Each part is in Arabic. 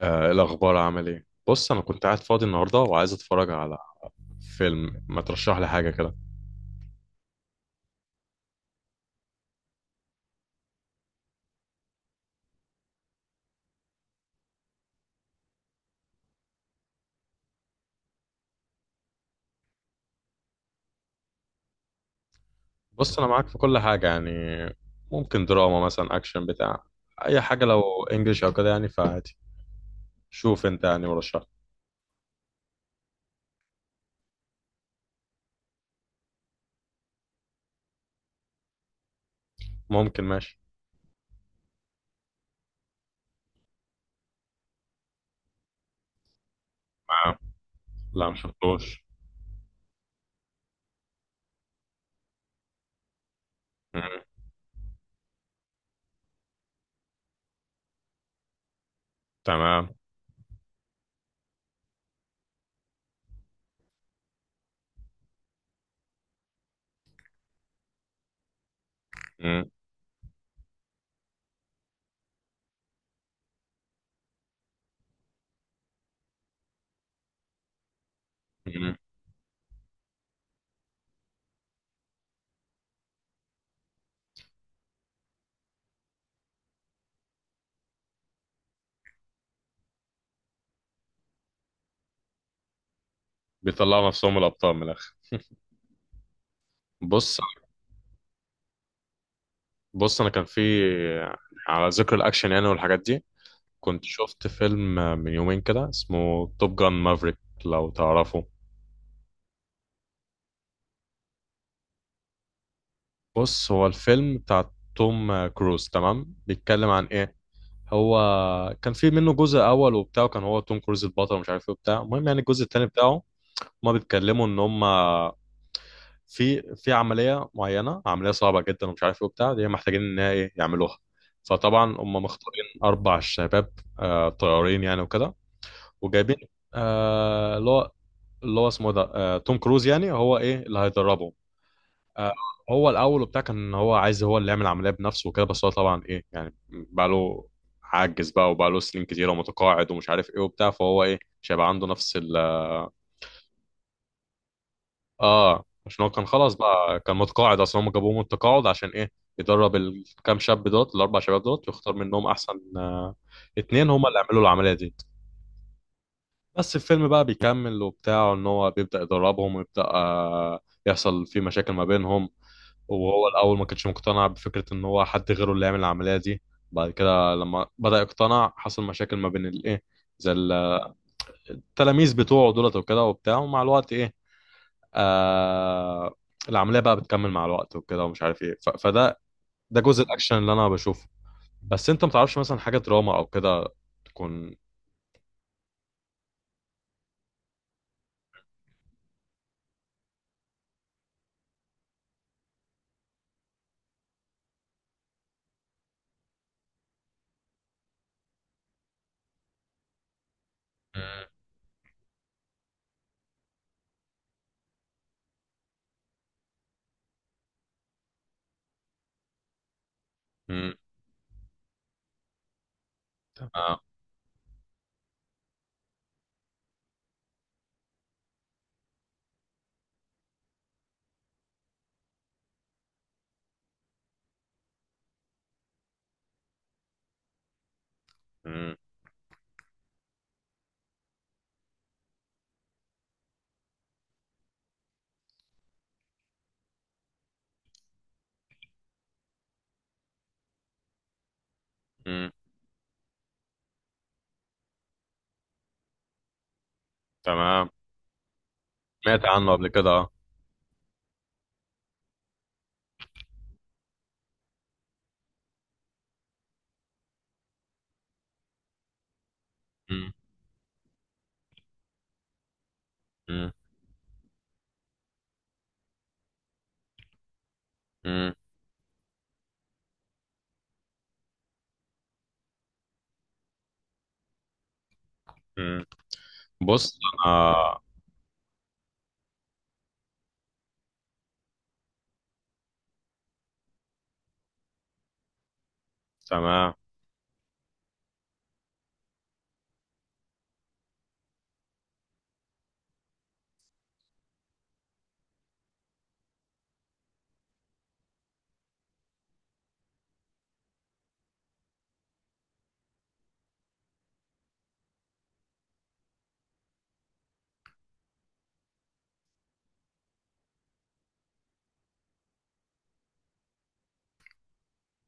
إيه الأخبار، عامل إيه؟ بص، أنا كنت قاعد فاضي النهاردة وعايز أتفرج على فيلم. ما ترشح لي حاجة كده. بص، أنا معاك في كل حاجة يعني. ممكن دراما مثلا، أكشن بتاع، أي حاجة. لو إنجليش أو كده يعني فعادي. شوف أنت يعني ورشح. ممكن ماشي. آه. لا، مشفتوش. مم. تمام. مم. مم. بيطلعوا نفسهم الأبطال من الآخر. بص، بص أنا كان في، على ذكر الأكشن يعني والحاجات دي، كنت شفت فيلم من يومين كده اسمه توب جان مافريك، لو تعرفه. بص، هو الفيلم بتاع توم كروز، تمام؟ بيتكلم عن ايه. هو كان في منه جزء اول وبتاع، كان هو توم كروز البطل ومش عارف ايه وبتاع. المهم يعني الجزء التاني بتاعه، هما بيتكلموا ان هما في عمليه معينه، عمليه صعبه جدا ومش عارف ايه وبتاع، دي محتاجين ان هي ايه يعملوها. فطبعا هم مختارين اربع شباب، آه، طيارين يعني وكده. وجايبين آه اللي هو اسمه ده آه توم كروز، يعني هو ايه، اللي هيدربهم. آه، هو الاول وبتاع كان هو عايز هو اللي يعمل العمليه بنفسه وكده، بس هو طبعا ايه يعني، بقى له، عاجز بقى وبقى له سنين كتيره ومتقاعد ومش عارف ايه وبتاع، فهو ايه مش هيبقى عنده نفس ال... اه عشان هو كان خلاص بقى كان متقاعد اصلا. هم جابوه من التقاعد عشان ايه، يدرب الكام شاب دوت، الاربع شباب دوت، ويختار منهم احسن اتنين هم اللي يعملوا العمليه دي. بس الفيلم بقى بيكمل وبتاع ان هو بيبدأ يدربهم ويبدأ يحصل في مشاكل ما بينهم. وهو الأول ما كانش مقتنع بفكرة ان هو حد غيره اللي يعمل العملية دي. بعد كده لما بدأ يقتنع، حصل مشاكل ما بين الايه، زي التلاميذ بتوعه دولت وكده وبتاع. ومع الوقت ايه، آه، العملية بقى بتكمل مع الوقت وكده ومش عارف ايه. فده، ده جزء الأكشن اللي أنا بشوفه. بس أنت متعرفش مثلا حاجة دراما أو كده تكون؟ مم، مم، آه، مم، مم، تمام. سمعت عنه قبل كده، اه. مم. مم. مم. مم. بص، انا. تمام.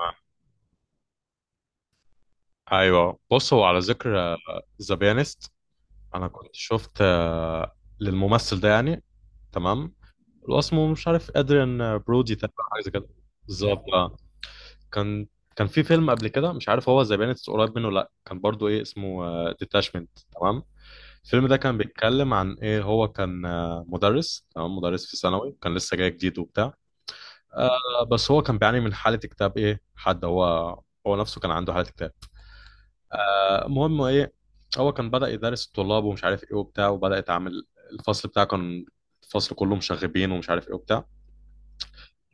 آه. ايوه، بص هو على ذكر ذا بيانست، انا كنت شفت آه للممثل ده يعني. تمام. اللي هو اسمه، مش عارف، ادريان برودي تقريبا، حاجه زي كده. بالظبط، اه. كان كان في فيلم قبل كده، مش عارف هو ذا بيانست قريب منه ولا لا، كان برضو ايه اسمه ديتاشمنت، تمام. الفيلم ده كان بيتكلم عن ايه. هو كان آه مدرس، تمام، مدرس في ثانوي، كان لسه جاي جديد وبتاع. آه، بس هو كان بيعاني من حالة اكتئاب. ايه حد هو، هو نفسه كان عنده حالة اكتئاب. آه، المهم ايه، هو كان بدأ يدرس الطلاب ومش عارف ايه وبتاع، وبدأ يتعامل. الفصل بتاعه كان، الفصل كله مشاغبين ومش عارف ايه وبتاع.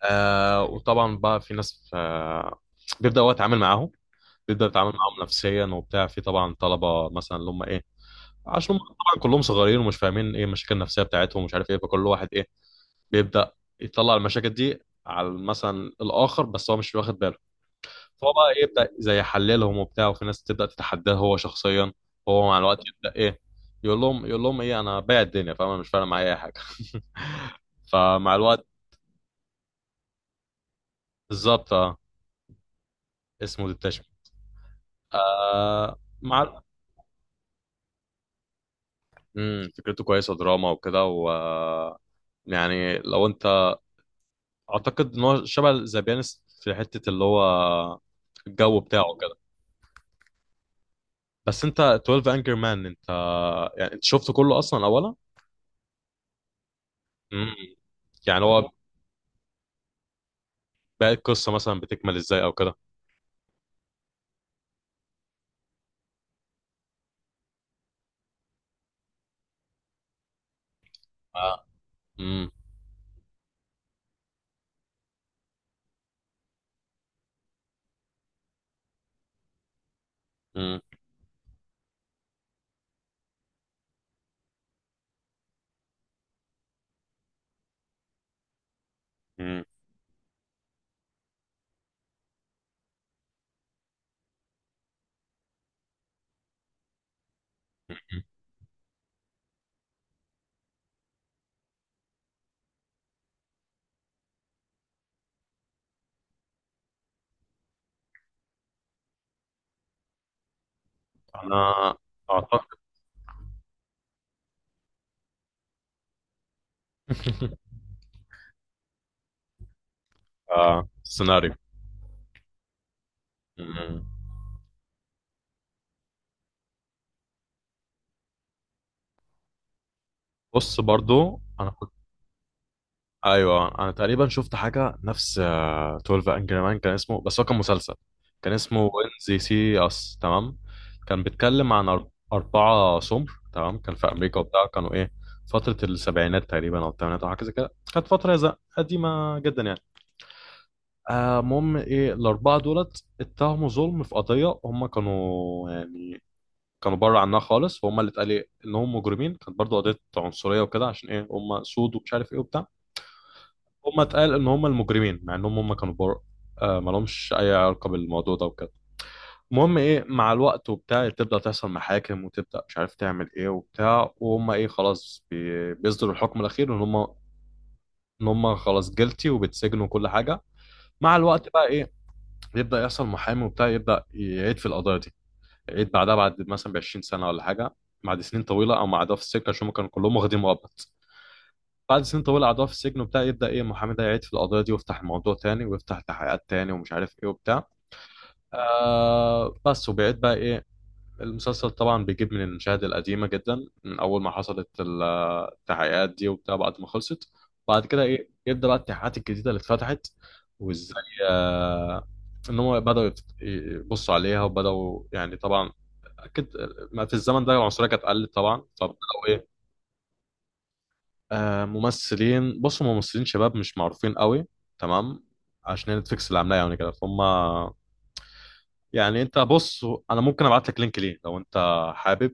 آه، وطبعا بقى في ناس، آه، بيبدأ هو يتعامل معاهم، بيبدأ يتعامل معاهم نفسيا وبتاع. في طبعا طلبة مثلا اللي هم ايه، عشان هم طبعا كلهم صغيرين ومش فاهمين ايه المشاكل النفسية بتاعتهم ومش عارف ايه، فكل واحد ايه بيبدأ يطلع المشاكل دي على مثلا الآخر، بس هو مش واخد باله. فهو بقى إيه، يبدا زي يحللهم وبتاع، وفي ناس تبدا تتحداه هو شخصيا. هو مع الوقت يبدا ايه، يقول لهم، يقول لهم ايه، انا بايع الدنيا، فاهم؟ أنا مش فارق معايا اي حاجه. فمع الوقت، بالظبط اه. اسمه ديتاشمنت. آه مع، فكرته كويسه، دراما وكده و، يعني لو انت، اعتقد ان هو شبه ذا بيانست في حته اللي هو الجو بتاعه كده. بس انت 12 انجر مان، انت يعني انت شفته كله اصلا اولا؟ امم. يعني هو، باقي القصة مثلا بتكمل ازاي او كده؟ اه. امم. امم. امم. انا اعتقد. آه. سيناريو. مم. بص برضو انا كنت، ايوه انا تقريبا شفت حاجه نفس آه 12 انجري مان، كان اسمه، بس هو كان مسلسل. كان اسمه وين زي سي اس، تمام. كان بيتكلم عن اربعه سمر، تمام، كان في امريكا وبتاع، كانوا ايه، فتره السبعينات تقريبا او الثمانينات او حاجه زي كده، كانت فتره قديمه جدا يعني. آه، المهم ايه، الاربعه دولت اتهموا ظلم في قضيه، هم كانوا يعني كانوا بره عنها خالص، وهم اللي اتقال إيه، انهم مجرمين. كانت برضو قضيه عنصريه وكده، عشان ايه، هم سود ومش عارف ايه وبتاع. هم اتقال ان هم المجرمين مع انهم هم كانوا بره، آه، ما لهمش اي علاقه بالموضوع ده وكده. المهم ايه، مع الوقت وبتاع تبدا تحصل محاكم وتبدا مش عارف تعمل ايه وبتاع، وهم ايه خلاص بيصدروا الحكم الاخير ان هم، ان هم خلاص جلتي وبيتسجنوا وكل حاجه. مع الوقت بقى ايه، يبدا يحصل محامي وبتاع، يبدا يعيد في القضايا دي، يعيد بعدها بعد مثلا ب 20 سنه ولا حاجه، بعد سنين طويله او قعدوها في السجن، عشان هم كانوا كلهم واخدين مؤبت. بعد سنين طويله قعدوها في السجن وبتاع، يبدا ايه المحامي ده يعيد في القضايا دي، ويفتح الموضوع تاني ويفتح تحقيقات تاني ومش عارف ايه وبتاع. آه بس، وبيعيد بقى ايه، المسلسل طبعا بيجيب من المشاهد القديمة جدا من أول ما حصلت التحقيقات دي وبتاع، بعد ما خلصت، بعد كده إيه يبدأ بقى التحقيقات الجديدة اللي اتفتحت وإزاي آه إن هم بدأوا يبصوا عليها، وبدأوا يعني طبعا، أكيد، ما في الزمن ده العنصرية كانت قلت طبعا، فبدأوا إيه، آه، ممثلين. بصوا ممثلين شباب مش معروفين قوي، تمام، عشان نتفليكس اللي عاملاه يعني كده. فهم يعني انت بص، انا ممكن ابعت لك لينك ليه لو انت حابب.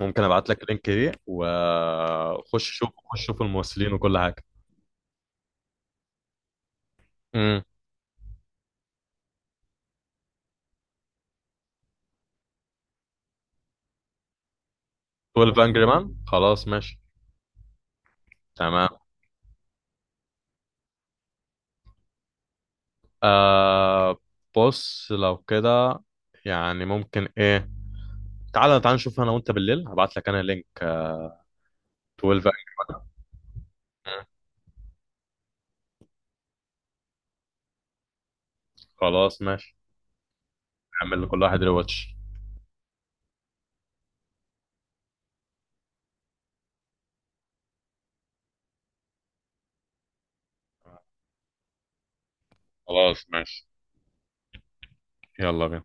ممكن ابعت لك اللينك دي وخش شوف، خش شوف الممثلين وكل حاجه. امم. 12 انجري مان، خلاص ماشي، تمام. آه، بص لو كده يعني ممكن ايه، تعالى نشوف انا وانت بالليل، هبعت لك انا لينك 12 انجري مان. خلاص ماشي. نعمل لكل واحد ريواتش. خلاص ماشي. يلا بينا.